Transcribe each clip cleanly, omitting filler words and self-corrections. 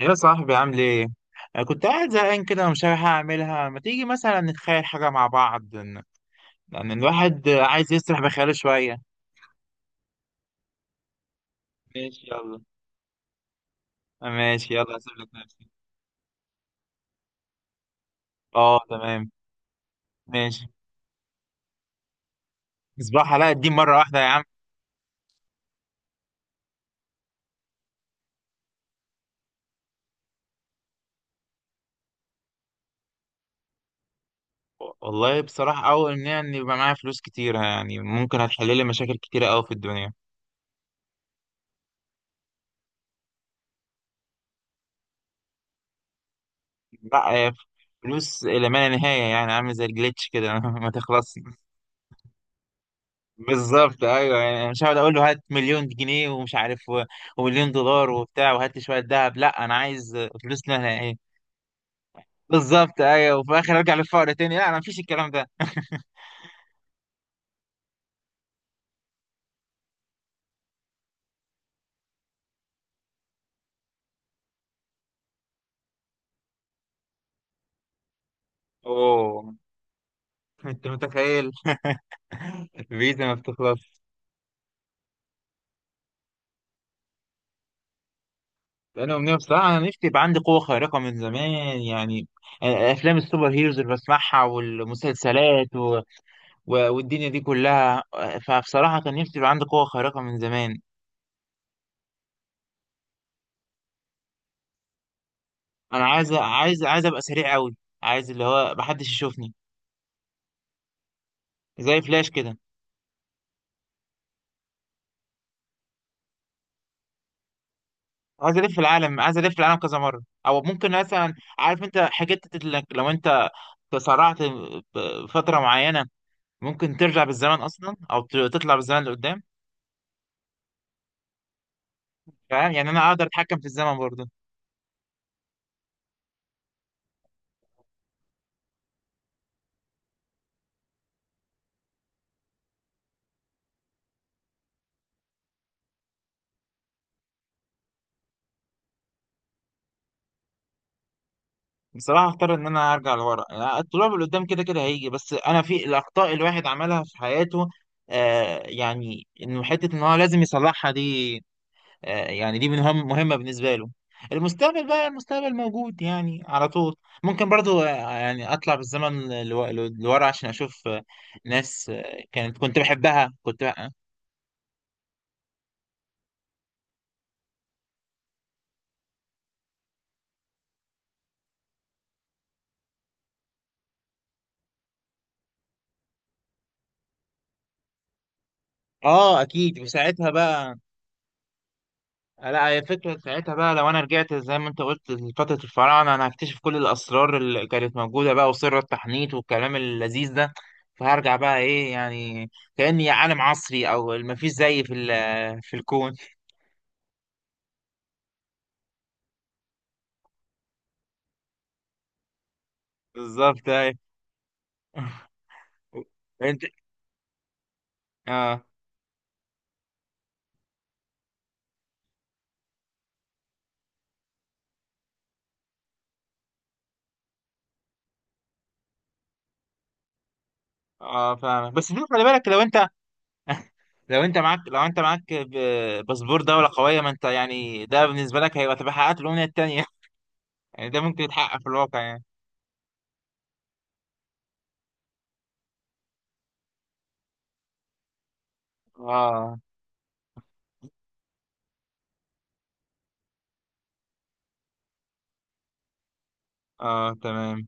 يا صاحبي عامل ايه؟ أنا كنت قاعد زهقان كده ومش عارف أعملها، ما تيجي مثلا نتخيل حاجة مع بعض، لأن الواحد عايز يسرح بخياله شوية. ماشي يلا. ماشي يلا، هسيب لك نفسي. اه تمام. ماشي. مصباح علاء الدين مرة واحدة يا عم. والله بصراحة أول إن يعني يبقى معايا فلوس كتير، يعني ممكن هتحل لي مشاكل كتيرة أوي في الدنيا. لا فلوس إلى ما لا نهاية، يعني عامل زي الجليتش كده ما تخلصش. بالظبط ايوه، يعني أنا مش هقعد اقول له هات مليون جنيه ومش عارف ومليون دولار وبتاع وهات لي شويه ذهب، لا انا عايز فلوس لها ايه. بالظبط ايوه، وفي الاخر ارجع للفقر تاني، لا انا مفيش الكلام ده. اوه، انت متخيل الفيزا ما بتخلص. انا امنيه بصراحه، انا نفسي يبقى عندي قوه خارقه من زمان. يعني افلام السوبر هيروز اللي بسمعها والمسلسلات والدنيا دي كلها، فبصراحه كان نفسي يبقى عندي قوه خارقه من زمان. انا عايز عايز ابقى سريع قوي، عايز اللي هو محدش يشوفني، زي فلاش كده. عايز الف العالم، عايز الف العالم كذا مره، او ممكن مثلا، عارف انت حاجات، انك لو انت تسرعت فتره معينه ممكن ترجع بالزمن اصلا، او تطلع بالزمن لقدام. فاهم، يعني انا اقدر اتحكم في الزمن برضه. بصراحه اختار ان انا ارجع لورا، يعني الطلوع لقدام كده كده هيجي، بس انا في الاخطاء الواحد عملها في حياته، آه، يعني انه حته ان هو لازم يصلحها دي. يعني دي مهمة بالنسبة له. المستقبل بقى، المستقبل موجود يعني على طول. ممكن برضو، يعني أطلع بالزمن لورا عشان أشوف، ناس، كانت كنت بحبها كنت بقى. آه أكيد، وساعتها بقى، لا هي فكرة ساعتها بقى، لو أنا رجعت زي ما أنت قلت لفترة الفراعنة أنا هكتشف كل الأسرار اللي كانت موجودة بقى، وسر التحنيط والكلام اللذيذ ده. فهرجع بقى إيه يعني، كأني عالم عصري أو مفيش زيي في في الكون بالظبط أيوة. انت اه اه فاهمك، بس شوف خلي بالك لو انت، لو انت معاك باسبور دولة قوية، ما انت يعني ده بالنسبة لك هيبقى، تبقى حققت الأمنية التانية يعني ده ممكن يتحقق في الواقع يعني. اه اه تمام.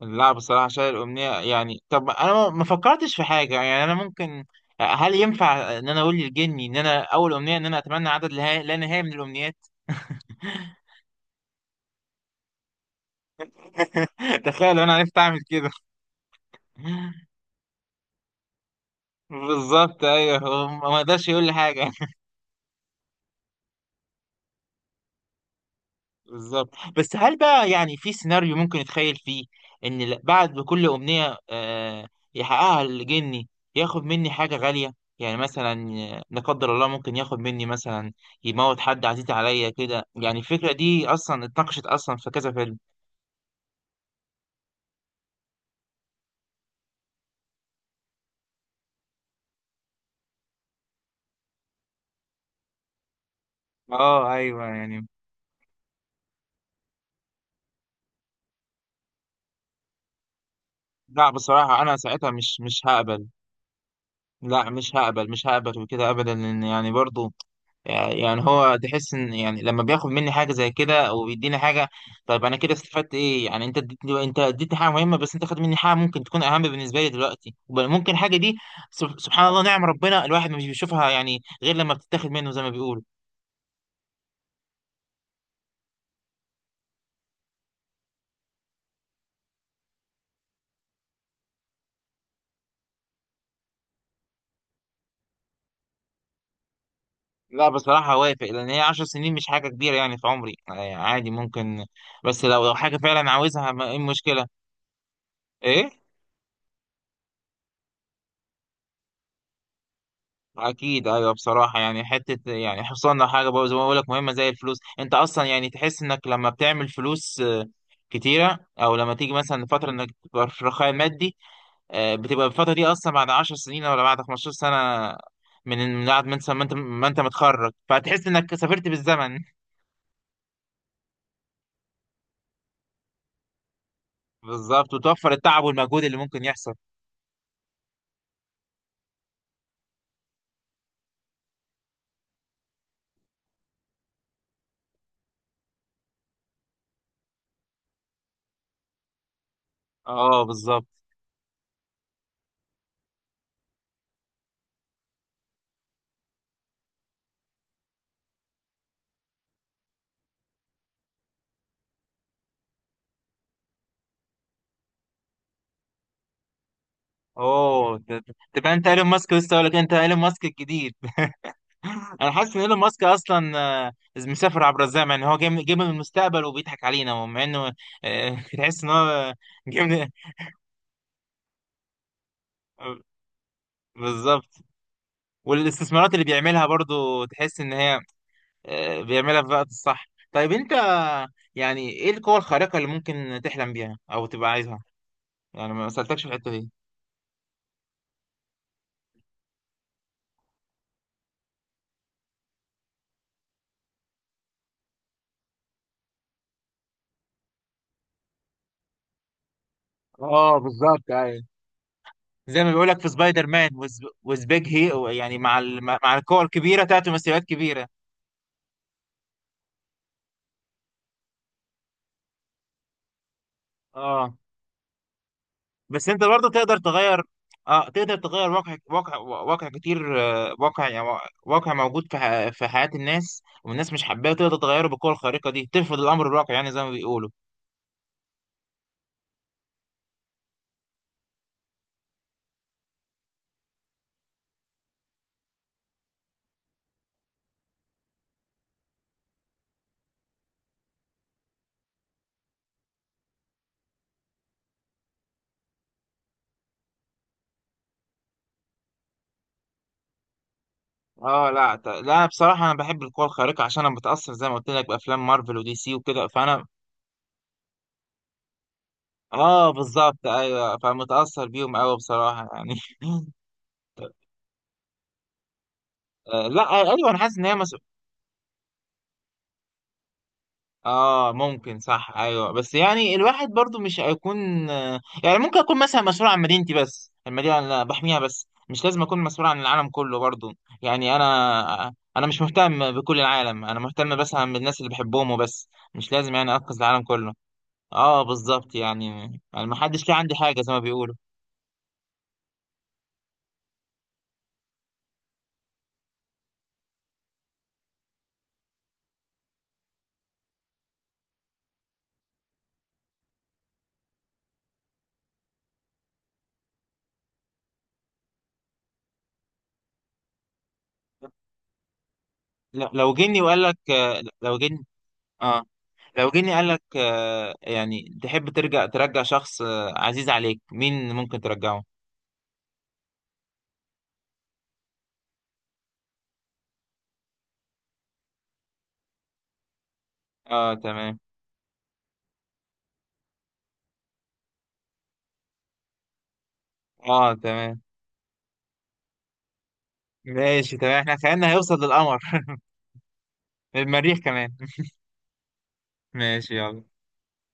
لا بصراحة شايل الأمنية، يعني طب أنا ما فكرتش في حاجة، يعني يعني أنا ممكن، هل ينفع إن أنا أقول للجني إن أنا أول أمنية إن أنا أتمنى عدد لا نهائي من الأمنيات. تخيل لو أنا عرفت أعمل كده. بالظبط أيوه، هو ما قدرش يقول لي حاجة. بالظبط. بس هل بقى يعني في سيناريو ممكن يتخيل فيه، ان بعد كل امنية، يحققها الجني، ياخد مني حاجة غالية، يعني مثلا، لا قدر الله، ممكن ياخد مني مثلا، يموت حد عزيز عليا كده. يعني الفكرة دي اصلا اتناقشت اصلا في كذا فيلم. اه ايوه يعني. لا بصراحة انا ساعتها مش هقبل. لا مش هقبل، مش هقبل وكده ابدا، لان يعني برضو، يعني يعني هو تحس ان، يعني لما بياخد مني حاجه زي كده او بيديني حاجه، طيب انا كده استفدت ايه؟ يعني انت اديتني حاجه مهمه، بس انت خد مني حاجه ممكن تكون اهم بالنسبه لي دلوقتي ممكن الحاجه دي، سبحان الله، نعم، ربنا الواحد مش بيشوفها يعني غير لما بتتاخد منه زي ما بيقولوا. لا بصراحه وافق، لان هي 10 سنين مش حاجه كبيره يعني في عمري، يعني عادي ممكن. بس لو حاجه فعلا عاوزها ما ايه المشكله؟ ايه. اكيد ايوه بصراحه، يعني حته يعني حصلنا حاجه بقى زي ما بقول لك مهمه زي الفلوس، انت اصلا يعني تحس انك لما بتعمل فلوس، كتيره، او لما تيجي مثلا فتره انك تبقى في رخاء مادي، بتبقى الفتره دي اصلا بعد 10 سنين ولا بعد 15 سنه، من بعد ما انت متخرج، فتحس انك سافرت بالزمن. بالظبط، وتوفر التعب والمجهود اللي ممكن يحصل. اه بالظبط. اوه، تبقى انت ايلون ماسك، لسه اقول لك انت ايلون ماسك الجديد. انا حاسس ان ايلون ماسك اصلا، آه، مسافر عبر الزمن، يعني هو جاي من المستقبل وبيضحك علينا، مع انه، تحس ان هو جاي من، آه، بالظبط. والاستثمارات اللي بيعملها برضو تحس ان هي، بيعملها في الوقت الصح. طيب انت يعني ايه القوة الخارقة اللي ممكن تحلم بيها او تبقى عايزها؟ يعني ما سألتكش في الحتة دي. اه بالظبط ايوه. زي ما بيقولك في سبايدر مان، وز وز بيج هي يعني، مع مع القوة الكبيرة تأتي مسؤوليات كبيرة. اه بس انت برضه تقدر تغير. اه تقدر تغير واقع، واقع كتير، واقع يعني، واقع موجود في في حياة الناس والناس مش حباه، تقدر تغيره بالقوة الخارقة دي، ترفض الأمر الواقع يعني زي ما بيقولوا. اه لا لا بصراحة أنا بحب القوة الخارقة عشان أنا متأثر زي ما قلت لك بأفلام مارفل ودي سي وكده فأنا. اه بالظبط ايوه، فمتأثر بيهم قوي بصراحة يعني. آه لا ايوه انا حاسس ان هي مسؤولية. اه ممكن صح ايوه، بس يعني الواحد برضو مش هيكون، يعني ممكن اكون مثلا مسؤول عن مدينتي بس، المدينه اللي أنا بحميها بس، مش لازم اكون مسؤول عن العالم كله برضو. يعني انا مش مهتم بكل العالم، انا مهتم بس عن الناس اللي بحبهم وبس. مش لازم يعني انقذ العالم كله. اه بالظبط يعني. يعني ما حدش ليه عندي حاجه زي ما بيقولوا. لو جني وقال لك، لو جني. اه لو جني قال لك، يعني تحب ترجع، ترجع شخص، عزيز عليك، مين ممكن ترجعه؟ اه تمام. اه تمام، ماشي تمام، احنا خيالنا هيوصل للقمر، المريخ كمان. ماشي يلا.